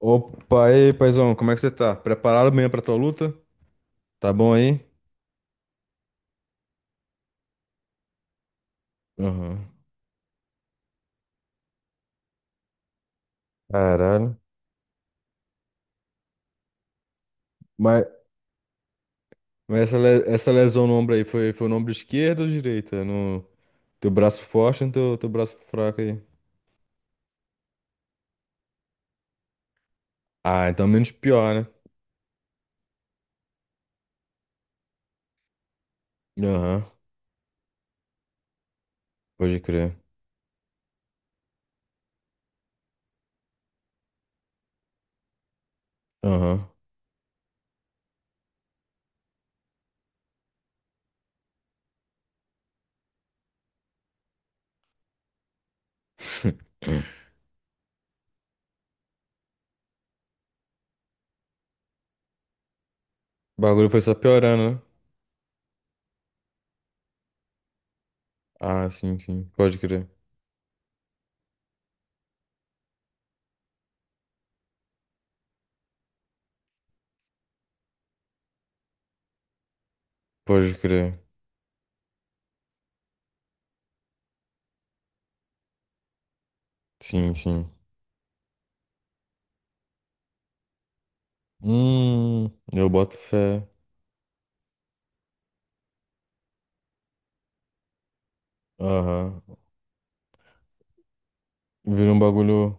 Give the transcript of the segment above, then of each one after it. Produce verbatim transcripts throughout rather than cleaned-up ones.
Opa, e aí, paizão, como é que você tá? Preparado mesmo pra tua luta? Tá bom aí? Aham. Caralho. Mas, mas essa, le- essa lesão no ombro aí, foi, foi no ombro esquerdo ou direito? É no teu braço forte ou no teu, teu braço fraco aí? Ah, então menos pior, né? Aham, pode crer. Aham. O bagulho foi só piorando, né? Ah, sim, sim, pode crer. Pode crer. Sim, sim. Hum, eu boto fé. Aham. Vira um bagulho.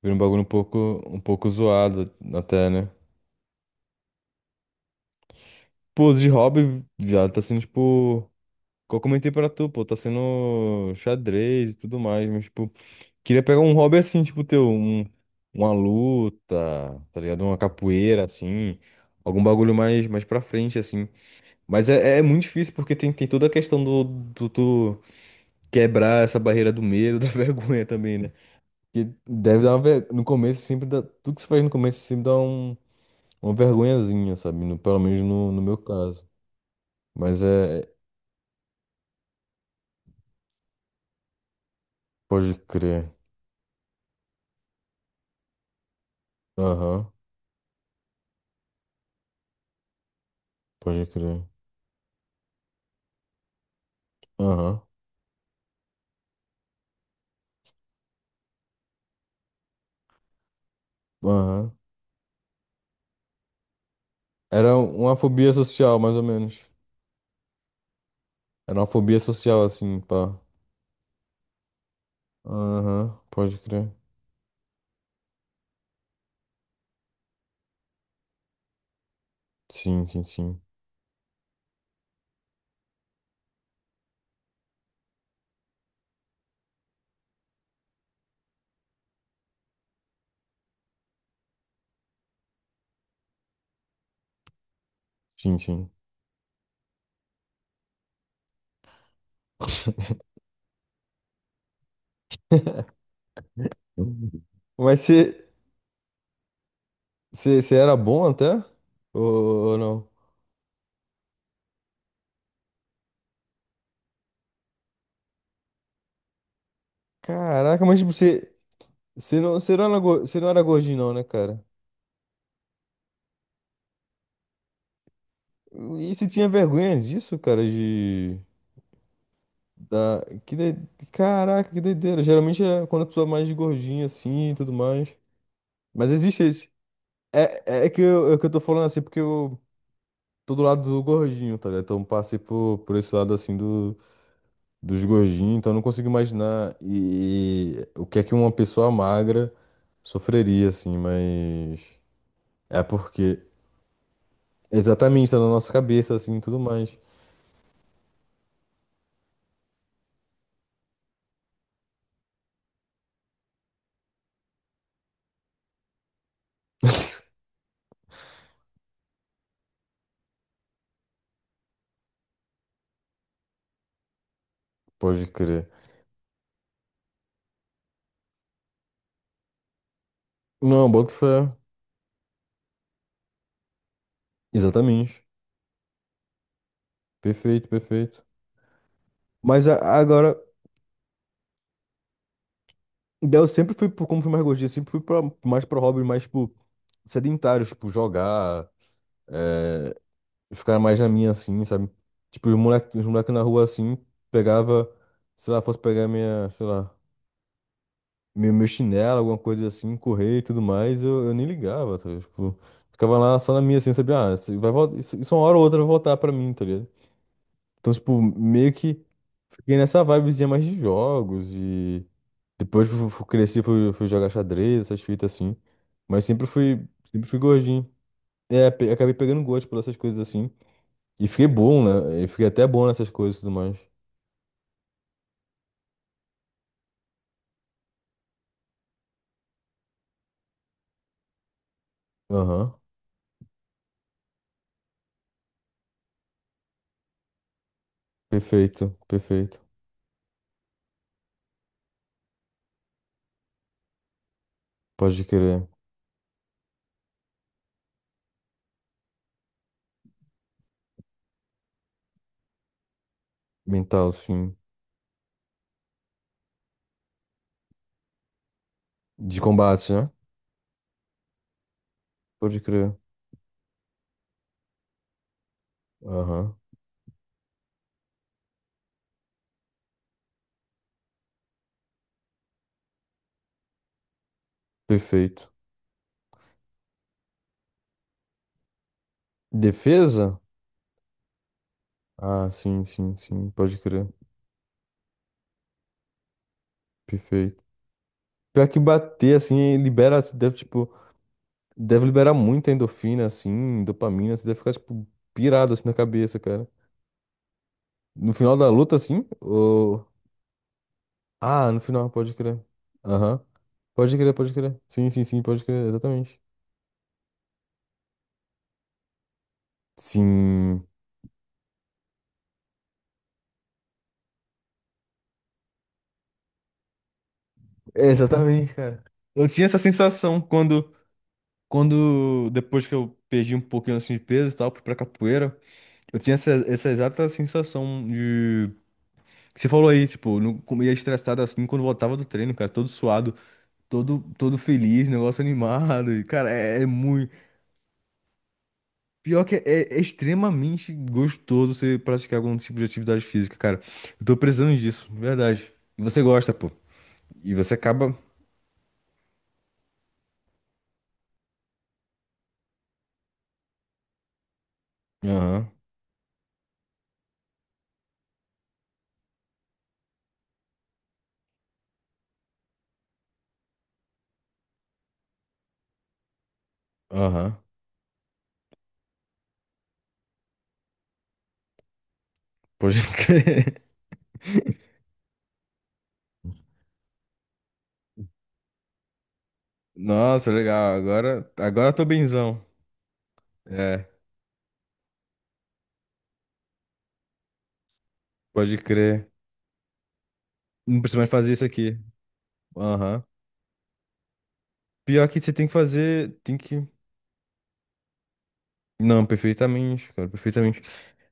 Vira um bagulho um pouco, um pouco zoado até, né? Pô, de hobby já tá sendo, tipo, que eu comentei pra tu, pô, tá sendo xadrez e tudo mais, mas, tipo, queria pegar um hobby assim, tipo, teu, um, uma luta, tá ligado? Uma capoeira, assim, algum bagulho mais, mais pra frente, assim. Mas é, é muito difícil porque tem, tem toda a questão do, do tu quebrar essa barreira do medo, da vergonha também, né? Que deve dar uma ver... No começo sempre dá... Tudo que você faz no começo sempre dá um uma vergonhazinha, sabe? No- pelo menos no, no meu caso. Mas é. É- Pode crer. Aham. Pode crer. Aham. Aham. Era uma fobia social, mais ou menos. Era uma fobia social, assim, pá. Aham. Pode crer. Sim, sim, sim. Sim, sim. Mas você. Você você era bom até? Ou, ou não? Caraca, mas tipo, você. Você não, você não era, go- você não era gordinho, não, né, cara? E você tinha vergonha disso, cara, de. Da... Que doi- Caraca, que doideira. Geralmente é quando a pessoa é mais gordinha assim e tudo mais. Mas existe esse. É, é é que eu, é que eu tô falando assim porque eu tô do lado do gordinho, tá ligado? Então passei por, por esse lado assim do, dos gordinhos, então eu não consigo imaginar e, e o que é que uma pessoa magra sofreria, assim, mas. É porque. Exatamente, tá na nossa cabeça, assim, e tudo mais. Pode crer. Não, boto fé. Exatamente. Perfeito, perfeito. Mas a- agora, daí eu sempre fui, pro- como fui mais gordinho, eu sempre fui pra, mais pro hobby, mais, tipo, sedentário, tipo, jogar, é, ficar mais na minha, assim, sabe? Tipo, os moleque, os moleque na rua, assim, pegava, sei lá, fosse pegar minha, sei lá, meu, meu chinelo, alguma coisa assim, correr e tudo mais, eu, eu nem ligava, tá ligado? Tipo, ficava lá só na minha, assim, sabia? Ah, isso, vai, vol- isso, isso uma hora ou outra vai voltar pra mim, tá ligado? Então, tipo, meio que fiquei nessa vibezinha mais de jogos e depois fui, fui- cresci, fui, fui jogar xadrez, essas fitas assim. Mas sempre fui, sempre fui gordinho. É, pe- acabei pegando gosto por essas coisas assim. E fiquei bom, né? E fiquei até bom nessas coisas e tudo mais. Aham. Perfeito, perfeito. Pode crer. Mental, sim. De combate, né? Pode crer. Aham. Perfeito. Defesa? Ah, sim, sim, sim. Pode crer. Perfeito. Pior que bater, assim, libera, você deve, tipo, deve liberar muita endorfina, assim, dopamina, você deve ficar, tipo, pirado, assim, na cabeça, cara. No final da luta, assim, ou... Ah, no final, pode crer. Aham. Pode crer, pode crer. Sim, sim, sim, pode crer, exatamente. Sim. É, exatamente, cara. Eu tinha essa sensação quando, quando, depois que eu perdi um pouquinho, assim, de peso e tal, fui pra capoeira, eu tinha essa, essa exata sensação que você falou aí, tipo, não comia estressado assim quando voltava do treino, cara, todo suado, todo, todo feliz, negócio animado. E, cara, é, é muito. Pior que é, é é extremamente gostoso você praticar algum tipo de atividade física, cara. Eu tô precisando disso, verdade. E você gosta, pô. E você acaba. Aham, aham. Pode crer. Nossa, legal. Agora, agora eu tô benzão. É, pode crer. Não precisa mais fazer isso aqui. Aham. Pior que você tem que fazer. Tem que. Não, perfeitamente, cara, perfeitamente.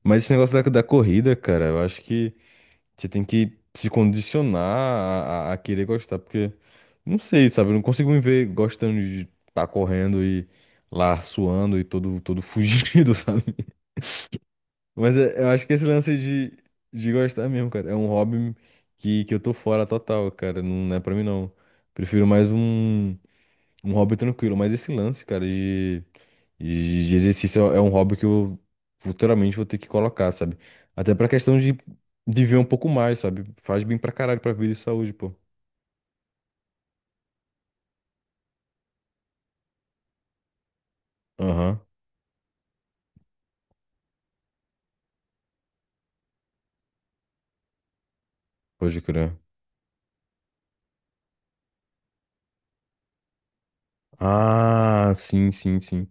Mas esse negócio da, da corrida, cara, eu acho que você tem que se condicionar a, a- a querer gostar, porque não sei, sabe? Eu não consigo me ver gostando de estar correndo e lá suando e todo, todo fugido, sabe? Mas é- eu acho que esse lance de, de gostar mesmo, cara, é um hobby que, que eu tô fora total, cara, não é pra mim não. Prefiro mais um, um hobby tranquilo, mas esse lance, cara, de de de exercício é um hobby que eu futuramente vou ter que colocar, sabe? Até pra questão de de viver um pouco mais, sabe? Faz bem pra caralho pra vida e saúde, pô. Aham, pode crer. Ah, sim, sim, sim.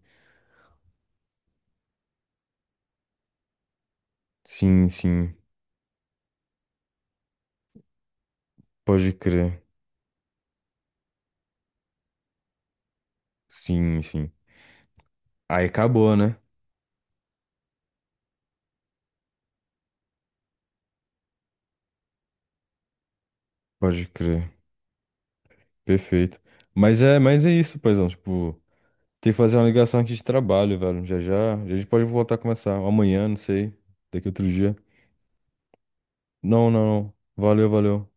Sim, sim. Pode crer. Sim, sim. Aí acabou, né? Pode crer. Perfeito. Mas é, mas é isso, paizão. Tipo, tem que fazer uma ligação aqui de trabalho, velho. Já já. A gente pode voltar a começar. Amanhã, não sei. Daqui outro dia. Não, não, não. Valeu, valeu.